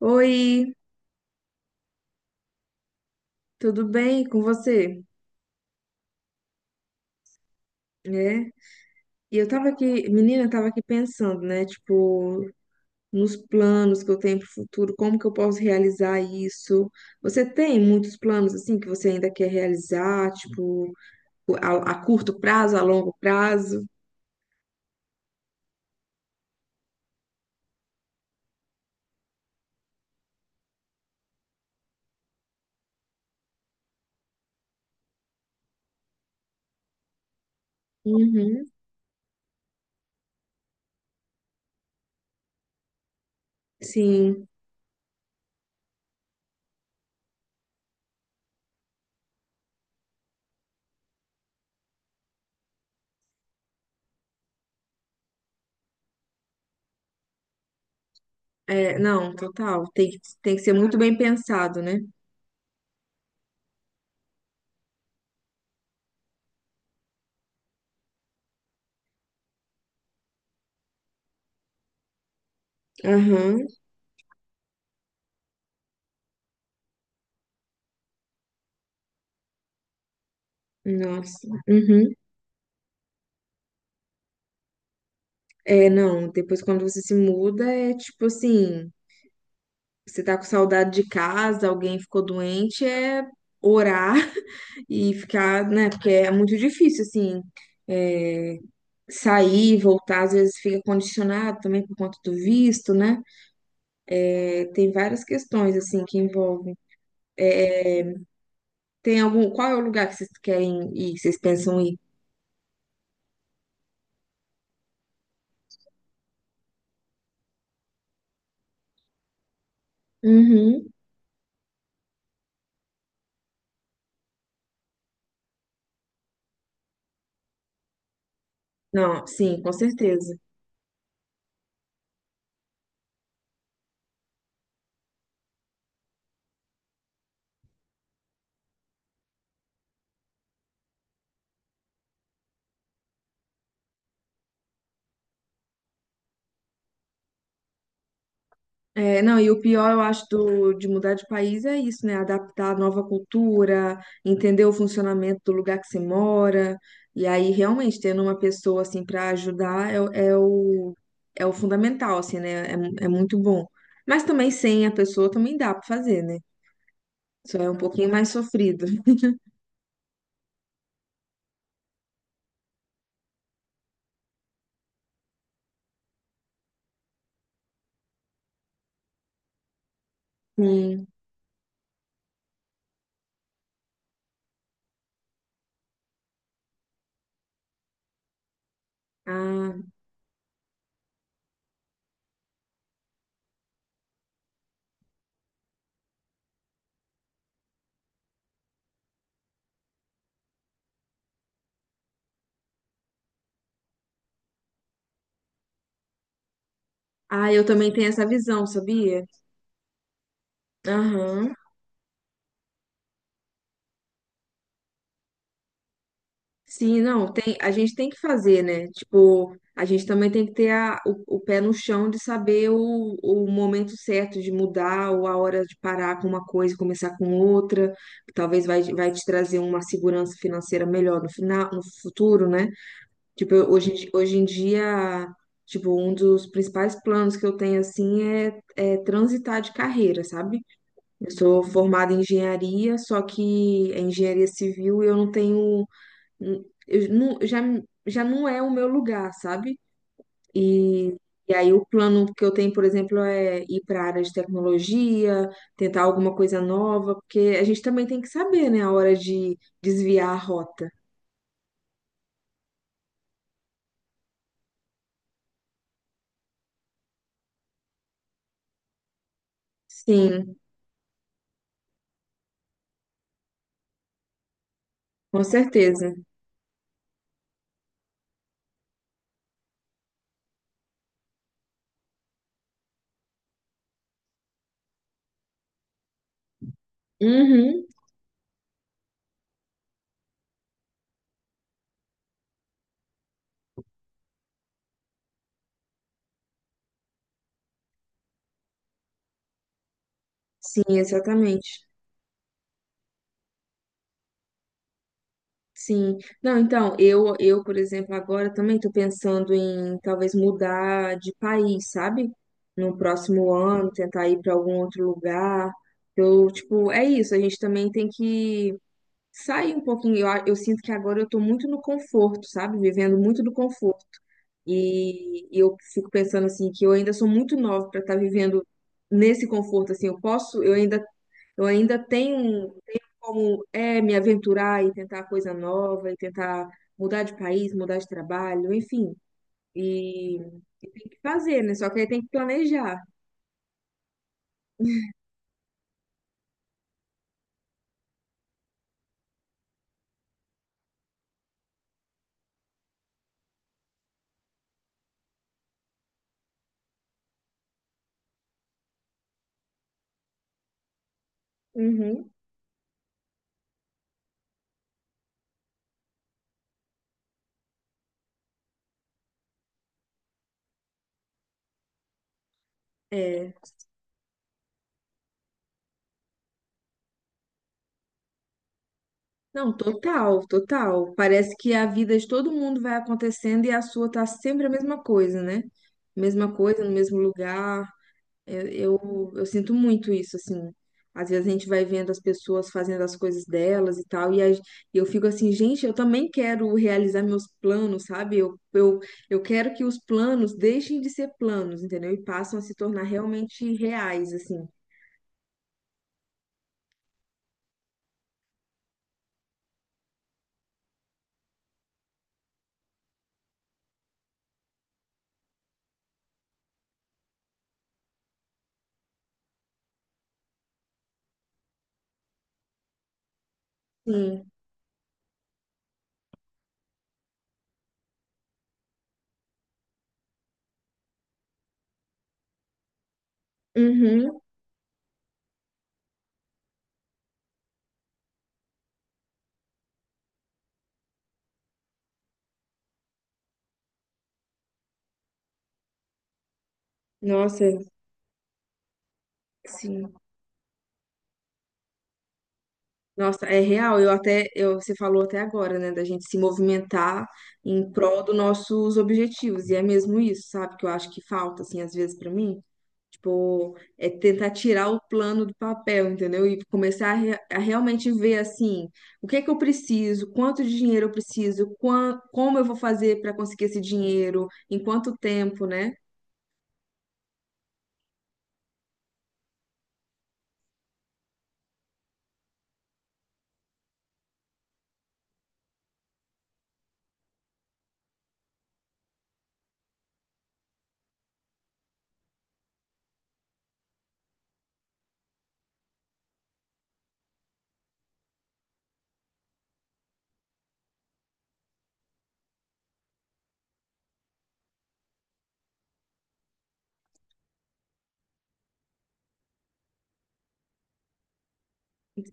Oi, tudo bem com você? Eu tava aqui, menina, eu tava aqui pensando, né? Tipo, nos planos que eu tenho pro futuro, como que eu posso realizar isso? Você tem muitos planos assim que você ainda quer realizar, tipo, a curto prazo, a longo prazo? Uhum. Sim, é, não, total. Tem que ser muito bem pensado, né? Aham, nossa. Uhum. É, não, depois quando você se muda, é tipo assim. Você tá com saudade de casa, alguém ficou doente, é orar e ficar, né? Porque é muito difícil, assim, é, sair, voltar, às vezes fica condicionado também por conta do visto, né? É, tem várias questões, assim, que envolvem. Tem algum, qual é o lugar que vocês querem ir, que vocês pensam ir? Uhum. Não, sim, com certeza. É, não, e o pior, eu acho, de mudar de país é isso, né? Adaptar a nova cultura, entender o funcionamento do lugar que você mora. E aí, realmente, tendo uma pessoa, assim, para ajudar é, o, é o é o fundamental, assim, né? É, é muito bom. Mas também sem a pessoa também dá para fazer, né? Só é um pouquinho mais sofrido. Sim. Ah, ah, eu também tenho essa visão, sabia? Aham. Sim, não, tem, a gente tem que fazer, né? Tipo, a gente também tem que ter o pé no chão de saber o momento certo de mudar ou a hora de parar com uma coisa e começar com outra, que talvez vai te trazer uma segurança financeira melhor no final, no futuro, né? Tipo, hoje em dia, tipo, um dos principais planos que eu tenho, assim, é transitar de carreira, sabe? Eu sou formada em engenharia, só que é engenharia civil e eu não tenho eu não, já, já não é o meu lugar, sabe? E, e aí o plano que eu tenho, por exemplo, é ir para a área de tecnologia, tentar alguma coisa nova, porque a gente também tem que saber, né, a hora de desviar a rota. Sim, com certeza. Uhum, sim, exatamente. Sim. Não, então, eu, por exemplo, agora também estou pensando em talvez mudar de país, sabe? No próximo ano, tentar ir para algum outro lugar. Eu, tipo, é isso, a gente também tem que sair um pouquinho. Eu sinto que agora eu estou muito no conforto, sabe? Vivendo muito do conforto. E eu fico pensando assim que eu ainda sou muito nova para estar vivendo nesse conforto assim. Eu posso, eu ainda tenho como é me aventurar e tentar coisa nova, e tentar mudar de país, mudar de trabalho, enfim. E, e tem que fazer, né? Só que aí tem que planejar. Uhum. É. Não, total, total. Parece que a vida de todo mundo vai acontecendo e a sua tá sempre a mesma coisa, né? Mesma coisa, no mesmo lugar. Eu sinto muito isso, assim. Às vezes a gente vai vendo as pessoas fazendo as coisas delas e tal, e eu fico assim, gente, eu também quero realizar meus planos, sabe? Eu quero que os planos deixem de ser planos, entendeu? E passam a se tornar realmente reais, assim. Sim. Uhum. Nossa, sim. Nossa, é real. Eu até, eu, você falou até agora, né, da gente se movimentar em prol dos nossos objetivos. E é mesmo isso, sabe? Que eu acho que falta, assim, às vezes pra mim. Tipo, é tentar tirar o plano do papel, entendeu? E começar a, a realmente ver assim, o que é que eu preciso, quanto de dinheiro eu preciso, como eu vou fazer para conseguir esse dinheiro, em quanto tempo, né?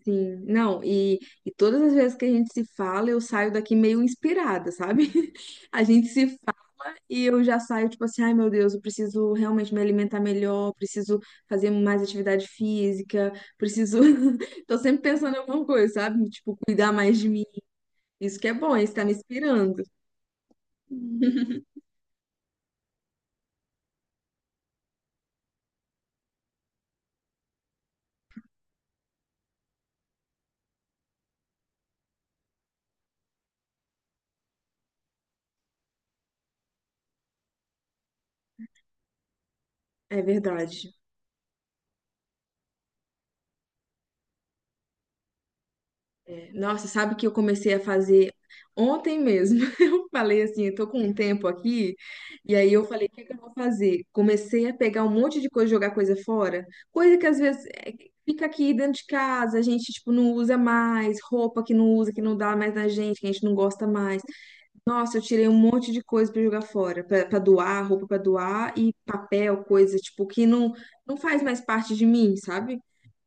Sim, não, e todas as vezes que a gente se fala, eu saio daqui meio inspirada, sabe? A gente se E eu já saio, tipo assim, ai meu Deus, eu preciso realmente me alimentar melhor, preciso fazer mais atividade física, preciso. Tô sempre pensando em alguma coisa, sabe? Tipo, cuidar mais de mim. Isso que é bom, isso tá me inspirando. É verdade. É, nossa, sabe que eu comecei a fazer ontem mesmo. Eu falei assim, eu tô com um tempo aqui, e aí eu falei, o que que eu vou fazer? Comecei a pegar um monte de coisa, jogar coisa fora, coisa que às vezes é, fica aqui dentro de casa, a gente tipo não usa mais, roupa que não usa, que não dá mais na gente, que a gente não gosta mais. Nossa, eu tirei um monte de coisa pra jogar fora, pra doar, roupa pra doar e papel, coisa tipo que não faz mais parte de mim, sabe?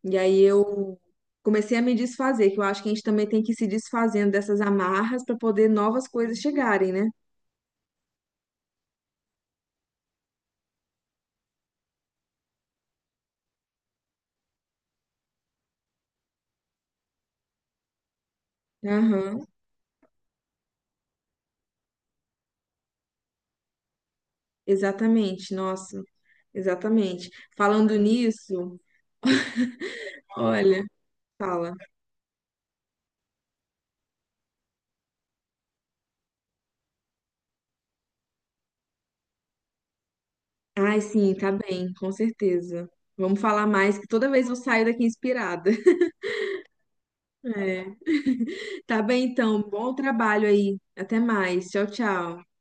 E aí eu comecei a me desfazer, que eu acho que a gente também tem que ir se desfazendo dessas amarras para poder novas coisas chegarem, né? Aham, exatamente, nossa, exatamente. Falando nisso, olha, fala. Ai, sim, tá bem, com certeza. Vamos falar mais, que toda vez eu saio daqui inspirada. É. Tá bem, então. Bom trabalho aí. Até mais. Tchau, tchau.